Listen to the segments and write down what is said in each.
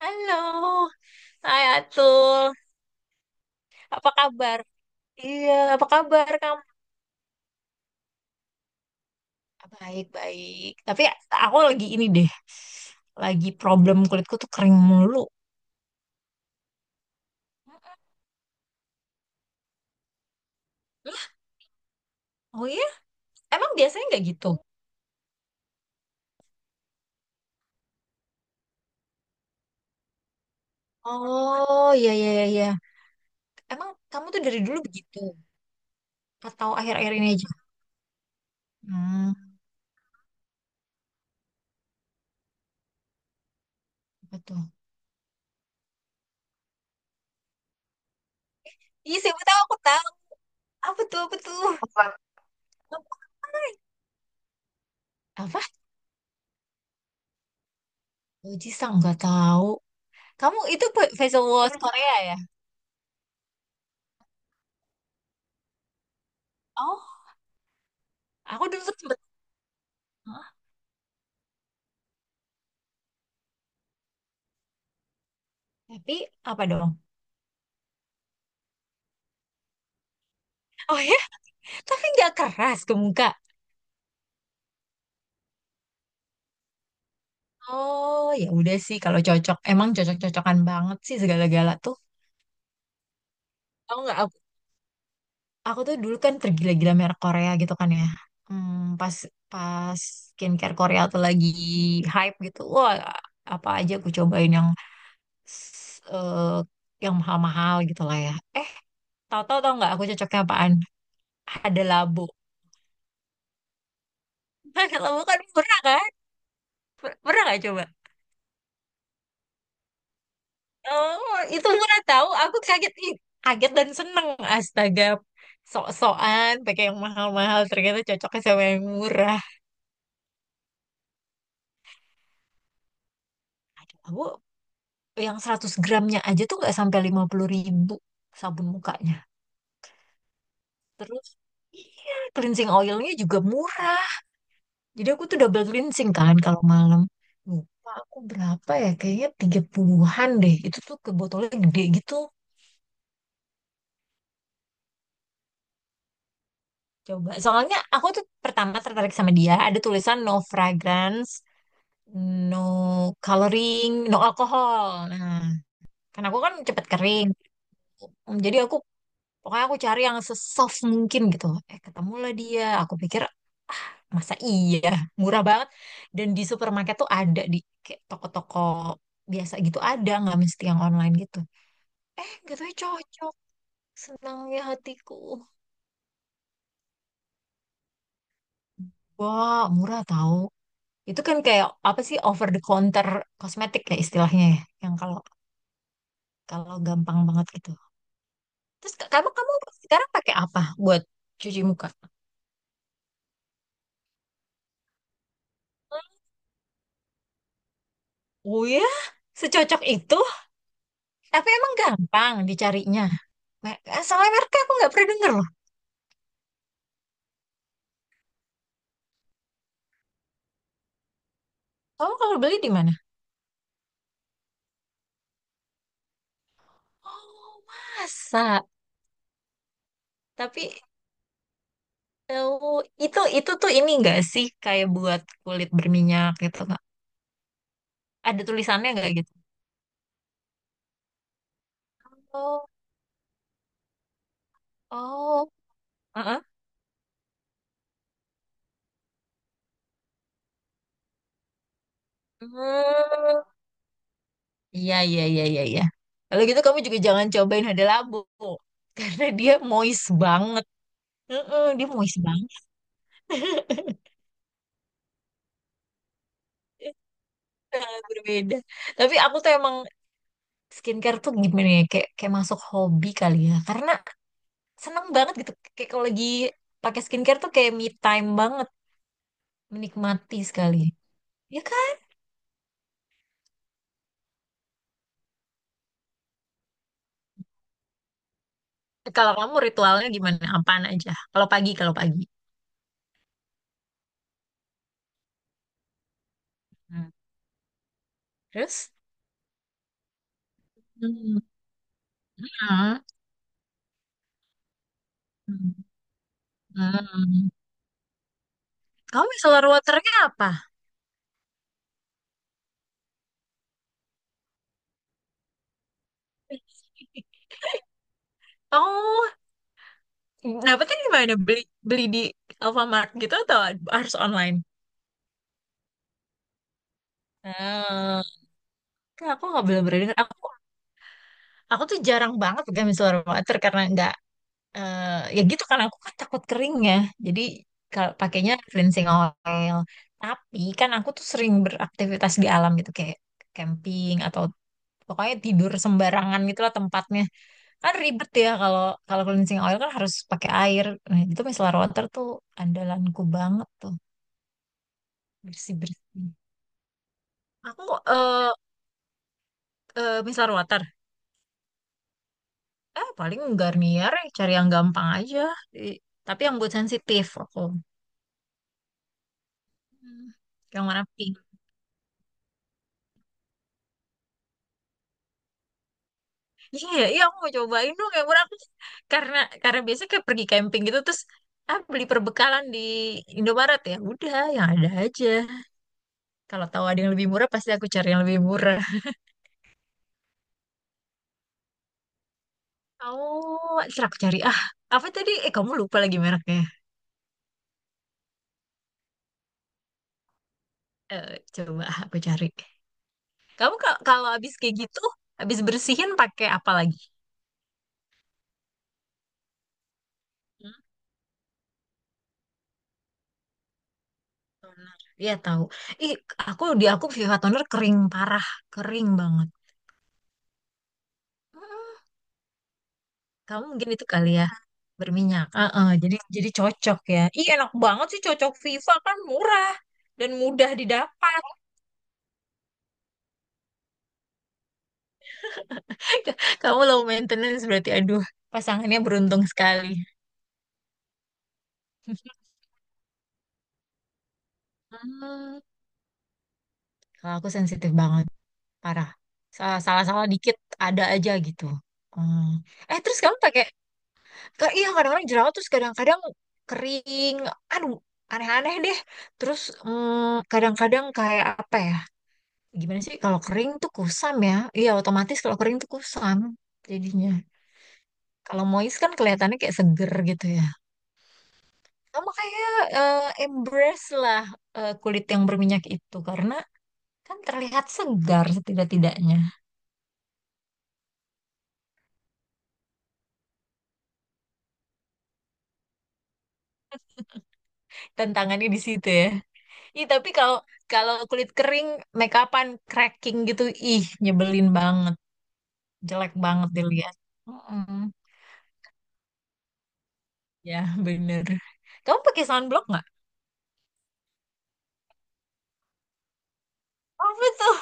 Halo, hai Atul, apa kabar? Iya, apa kabar kamu? Baik-baik, tapi aku lagi ini deh, lagi problem kulitku tuh kering mulu. Oh iya? Emang biasanya nggak gitu? Oh iya iya iya. Iya. Emang kamu tuh dari dulu begitu? Atau akhir-akhir ini aja? Hmm, betul. Iya, siapa tahu aku tahu. Apa tuh, apa tuh? Apa? Oh, Jisang nggak tahu. Kamu itu facial wash Korea ya? Oh, aku dulu tuh sempet. Hah? Tapi apa dong? Oh ya, tapi nggak keras ke muka. Oh ya, udah sih kalau cocok, emang cocok-cocokan banget sih segala-gala tuh. Tahu nggak aku, aku tuh dulu kan tergila-gila merek Korea gitu kan ya. Pas pas skincare Korea tuh lagi hype gitu, wah apa aja aku cobain yang s- eh, yang mahal-mahal gitu lah ya. Eh, Tahu-tahu, tau nggak aku cocoknya apaan? Ada labo. Ada labo kan murah kan? Pernah nggak coba? Oh, itu murah tahu. Aku kaget, ih, kaget dan seneng. Astaga, sok-sokan pakai yang mahal-mahal ternyata cocoknya sama yang murah. Aduh, aku yang 100 gramnya aja tuh nggak sampai 50.000 sabun mukanya. Terus iya, cleansing oilnya juga murah. Jadi aku tuh double cleansing kan kalau malam. Lupa aku berapa ya? Kayaknya 30-an deh. Itu tuh ke botolnya gede gitu. Coba, soalnya aku tuh pertama tertarik sama dia, ada tulisan no fragrance no coloring, no alkohol. Nah, karena aku kan cepet kering. Jadi aku, pokoknya aku cari yang sesoft mungkin gitu. Ketemulah dia. Aku pikir, masa iya, murah banget. Dan di supermarket tuh ada di kayak toko-toko biasa gitu ada, nggak mesti yang online gitu. Gitu cocok. Senangnya hatiku. Wah, murah tahu. Itu kan kayak apa sih over the counter kosmetik ya istilahnya ya. Yang kalau kalau gampang banget gitu. Terus ka- kamu kamu sekarang pakai apa buat cuci muka? Oh ya, secocok itu. Tapi emang gampang dicarinya. Soalnya mereka aku nggak pernah denger loh. Kamu kalau beli di mana? Oh, masa? Tapi itu tuh ini nggak sih kayak buat kulit berminyak gitu nggak? Ada tulisannya nggak gitu? Oh, oh, heeh. Hmm. Iya, iya, iya, iya, iya. Kalau gitu kamu juga jangan cobain hada labu karena dia moist banget. Heeh, dia moist banget, sangat berbeda. Tapi aku tuh emang skincare tuh gimana ya, kayak kayak masuk hobi kali ya. Karena seneng banget gitu. Kayak kalau lagi pakai skincare tuh kayak me time banget, menikmati sekali. Ya kan? Kalau kamu ritualnya gimana? Apaan aja? Kalau pagi, kalau pagi. Hmm. Terus? Hmm. Hmm. Hmm. Kamu micellar waternya apa? Oh, dapetnya di mana? Beli beli di Alfamart gitu atau harus online? Ah, Kak, aku nggak belum pernah dengar. Aku tuh jarang banget pegang micellar water karena nggak eh, ya gitu karena aku kan takut kering ya. Jadi kalau pakainya cleansing oil. Tapi kan aku tuh sering beraktivitas di alam gitu kayak camping atau pokoknya tidur sembarangan gitulah tempatnya. Kan ribet ya kalau kalau cleansing oil kan harus pakai air. Nah, itu micellar water tuh andalanku banget tuh. Bersih-bersih. Aku eh micellar water. Paling Garnier, ya, cari yang gampang aja. I- Tapi yang buat sensitif aku. Hmm, Yang warna pink. Iya, iya, iya, aku mau cobain dong yang warna pink. Karena karena biasanya kayak pergi camping gitu terus beli perbekalan di Indomaret ya. Udah, yang ada aja. Kalau tahu ada yang lebih murah pasti aku cari yang lebih murah. Oh, ntar aku cari. Ah, apa tadi? Eh, kamu lupa lagi mereknya. Eh, coba aku cari. Kamu kalau habis kayak gitu, habis bersihin pakai apa lagi? Toner. Iya tahu. Ih, aku Viva Toner kering parah, kering banget. Mm-mm. Kamu mungkin itu kali ya berminyak. Heeh, jadi cocok ya. Ih, enak banget sih cocok Viva kan murah dan mudah didapat. Kamu low maintenance berarti, aduh, pasangannya beruntung sekali. Hmm, Kalau aku sensitif banget, parah. Salah-salah dikit ada aja gitu. Hmm. Terus kamu pakai. Iya, kadang-kadang jerawat terus kadang-kadang kering. Aduh, aneh-aneh deh. Terus kadang-kadang kayak apa ya? Gimana sih kalau kering tuh kusam ya? Iya, otomatis kalau kering tuh kusam jadinya. Kalau moist kan kelihatannya kayak seger gitu ya. Sama kayak embrace lah, kulit yang berminyak itu karena kan terlihat segar setidak-tidaknya. Tantangannya di situ ya. Ih, tapi kalau kalau kulit kering make upan cracking gitu, ih nyebelin banget. Jelek banget dilihat. Mm-mm. Ya, bener. Kamu pakai sunblock nggak? Apa tuh?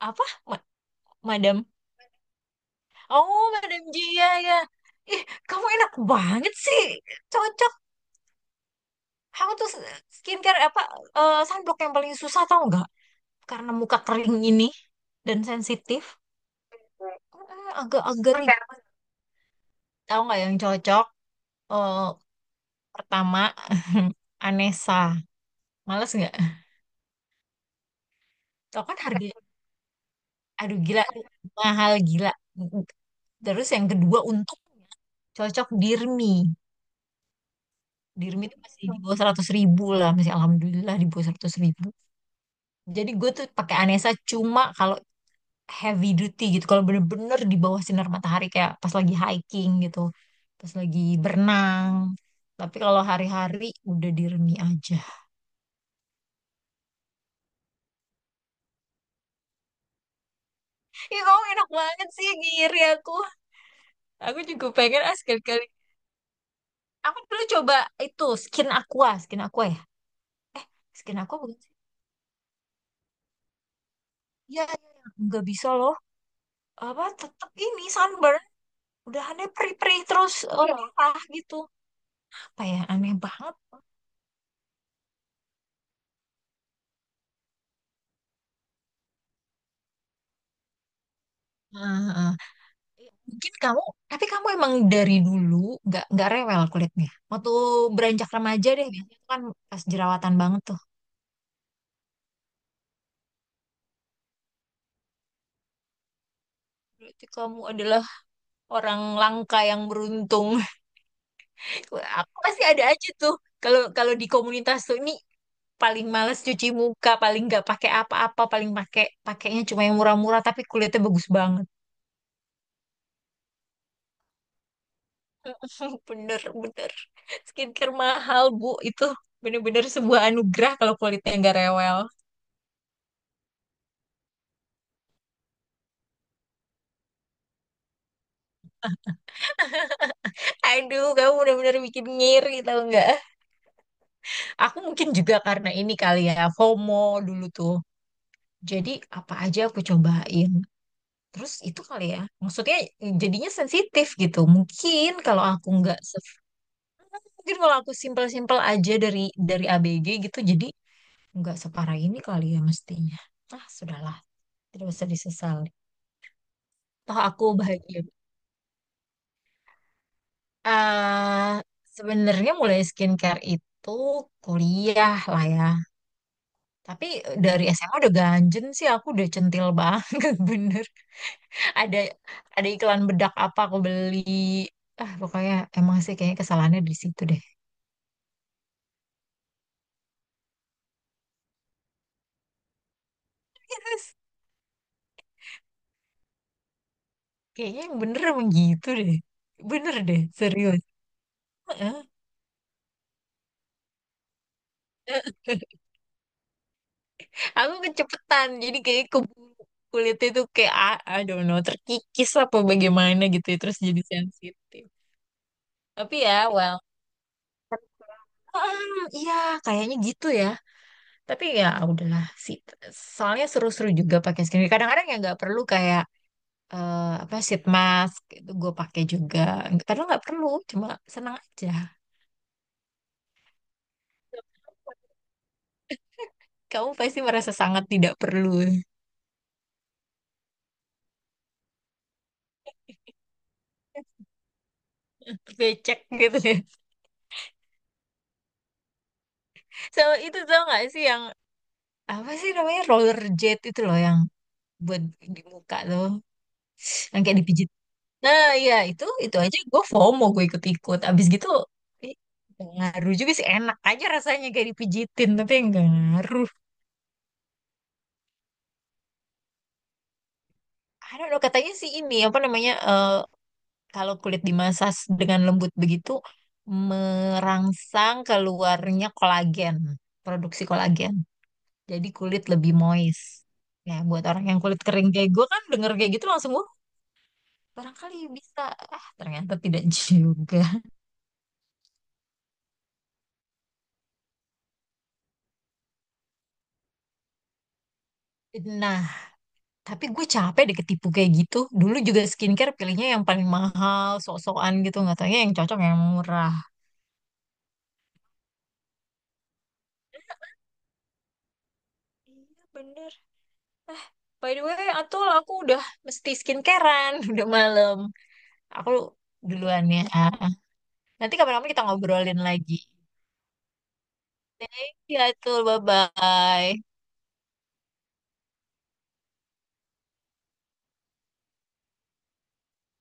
Apa? Ma- Madam? Oh, Madam Jia ya. Ya. Ih, kamu enak banget sih. Cocok. Kamu tuh skincare apa? Eh, sunblock yang paling susah tau nggak? Karena muka kering ini dan sensitif. Agak-agak ribet. Tahu nggak yang cocok? Eh, pertama, Anessa. Males nggak? Tau kan harga. Aduh gila, mahal gila. Terus yang kedua untuk cocok Dirmi. Dirmi itu masih di bawah 100.000 lah, masih alhamdulillah di bawah 100.000. Jadi gue tuh pakai Anessa cuma kalau heavy duty gitu, kalau bener-bener di bawah sinar matahari kayak pas lagi hiking gitu, pas lagi berenang. Tapi kalau hari-hari udah Dirmi aja. Ih, kamu enak banget sih, ngiri aku. Aku juga pengen, ah, sekali-kali. Aku dulu coba itu skin aqua ya. Skin aqua bukan. Iya, iya, iya. Nggak bisa loh. Apa tetap ini sunburn. Udah aneh perih-perih terus, eh, merah gitu. Apa ya aneh banget. Ah, ah. Mungkin kamu, tapi kamu emang dari dulu nggak rewel kulitnya. Waktu beranjak remaja deh, biasanya tuh kan pas jerawatan banget tuh. Berarti kamu adalah orang langka yang beruntung. Aku masih ada aja tuh. Kalau kalau di komunitas tuh ini paling males cuci muka, paling nggak pakai apa-apa, paling pakainya cuma yang murah-murah tapi kulitnya bagus banget. Bener, bener. Skincare mahal, Bu. Itu bener-bener sebuah anugerah kalau kulitnya nggak rewel. Aduh, kamu bener-bener bikin ngiri tau nggak? Aku mungkin juga karena ini kali ya, FOMO dulu tuh. Jadi apa aja aku cobain. Terus itu kali ya, maksudnya jadinya sensitif gitu. Mungkin kalau aku nggak, mungkin kalau aku simpel-simpel aja dari ABG gitu, jadi nggak separah ini kali ya mestinya. Ah, sudahlah, tidak usah disesali. Toh aku bahagia, eh sebenarnya mulai skincare itu kuliah lah ya. Tapi dari SMA udah ganjen sih aku udah centil banget bener. Ada ada iklan bedak apa aku beli. Ah, pokoknya emang sih kayaknya kesalahannya di situ deh. Kayaknya yang bener emang gitu deh. Bener deh, serius. Heeh. Aku kecepetan, jadi kayak ke kulit itu kayak, I don't know, terkikis apa bagaimana gitu, ya, terus jadi sensitif. Tapi ya, well, iya, kayaknya gitu ya. Tapi ya udahlah sih. Soalnya seru-seru juga pakai skincare. Kadang-kadang ya nggak perlu kayak, apa sheet mask itu gue pakai juga. Padahal nggak perlu, cuma senang aja. Kamu pasti merasa sangat tidak perlu becek gitu ya. So itu tau nggak sih yang apa sih namanya roller jet itu loh yang buat di muka tuh, yang kayak dipijit. Nah, iya itu aja gue FOMO gue ikut-ikut. Abis gitu ih, nggak ngaruh juga sih enak aja rasanya kayak dipijitin tapi nggak ngaruh. I don't know, katanya sih ini apa namanya, kalau kulit dimasas dengan lembut begitu merangsang keluarnya kolagen, produksi kolagen. Jadi kulit lebih moist. Nah, buat orang yang kulit kering kayak gue kan denger kayak gitu langsung gue barangkali bisa. Ah, ternyata tidak juga. Nah, tapi gue capek deh ketipu kayak gitu. Dulu juga skincare pilihnya yang paling mahal, sok-sokan gitu. Nggak taunya yang cocok yang murah. Iya bener. By the way, Atul, aku udah mesti skincarean, udah malam. Aku duluan ya. Nanti kapan-kapan kita ngobrolin lagi. Iya Atul, bye-bye.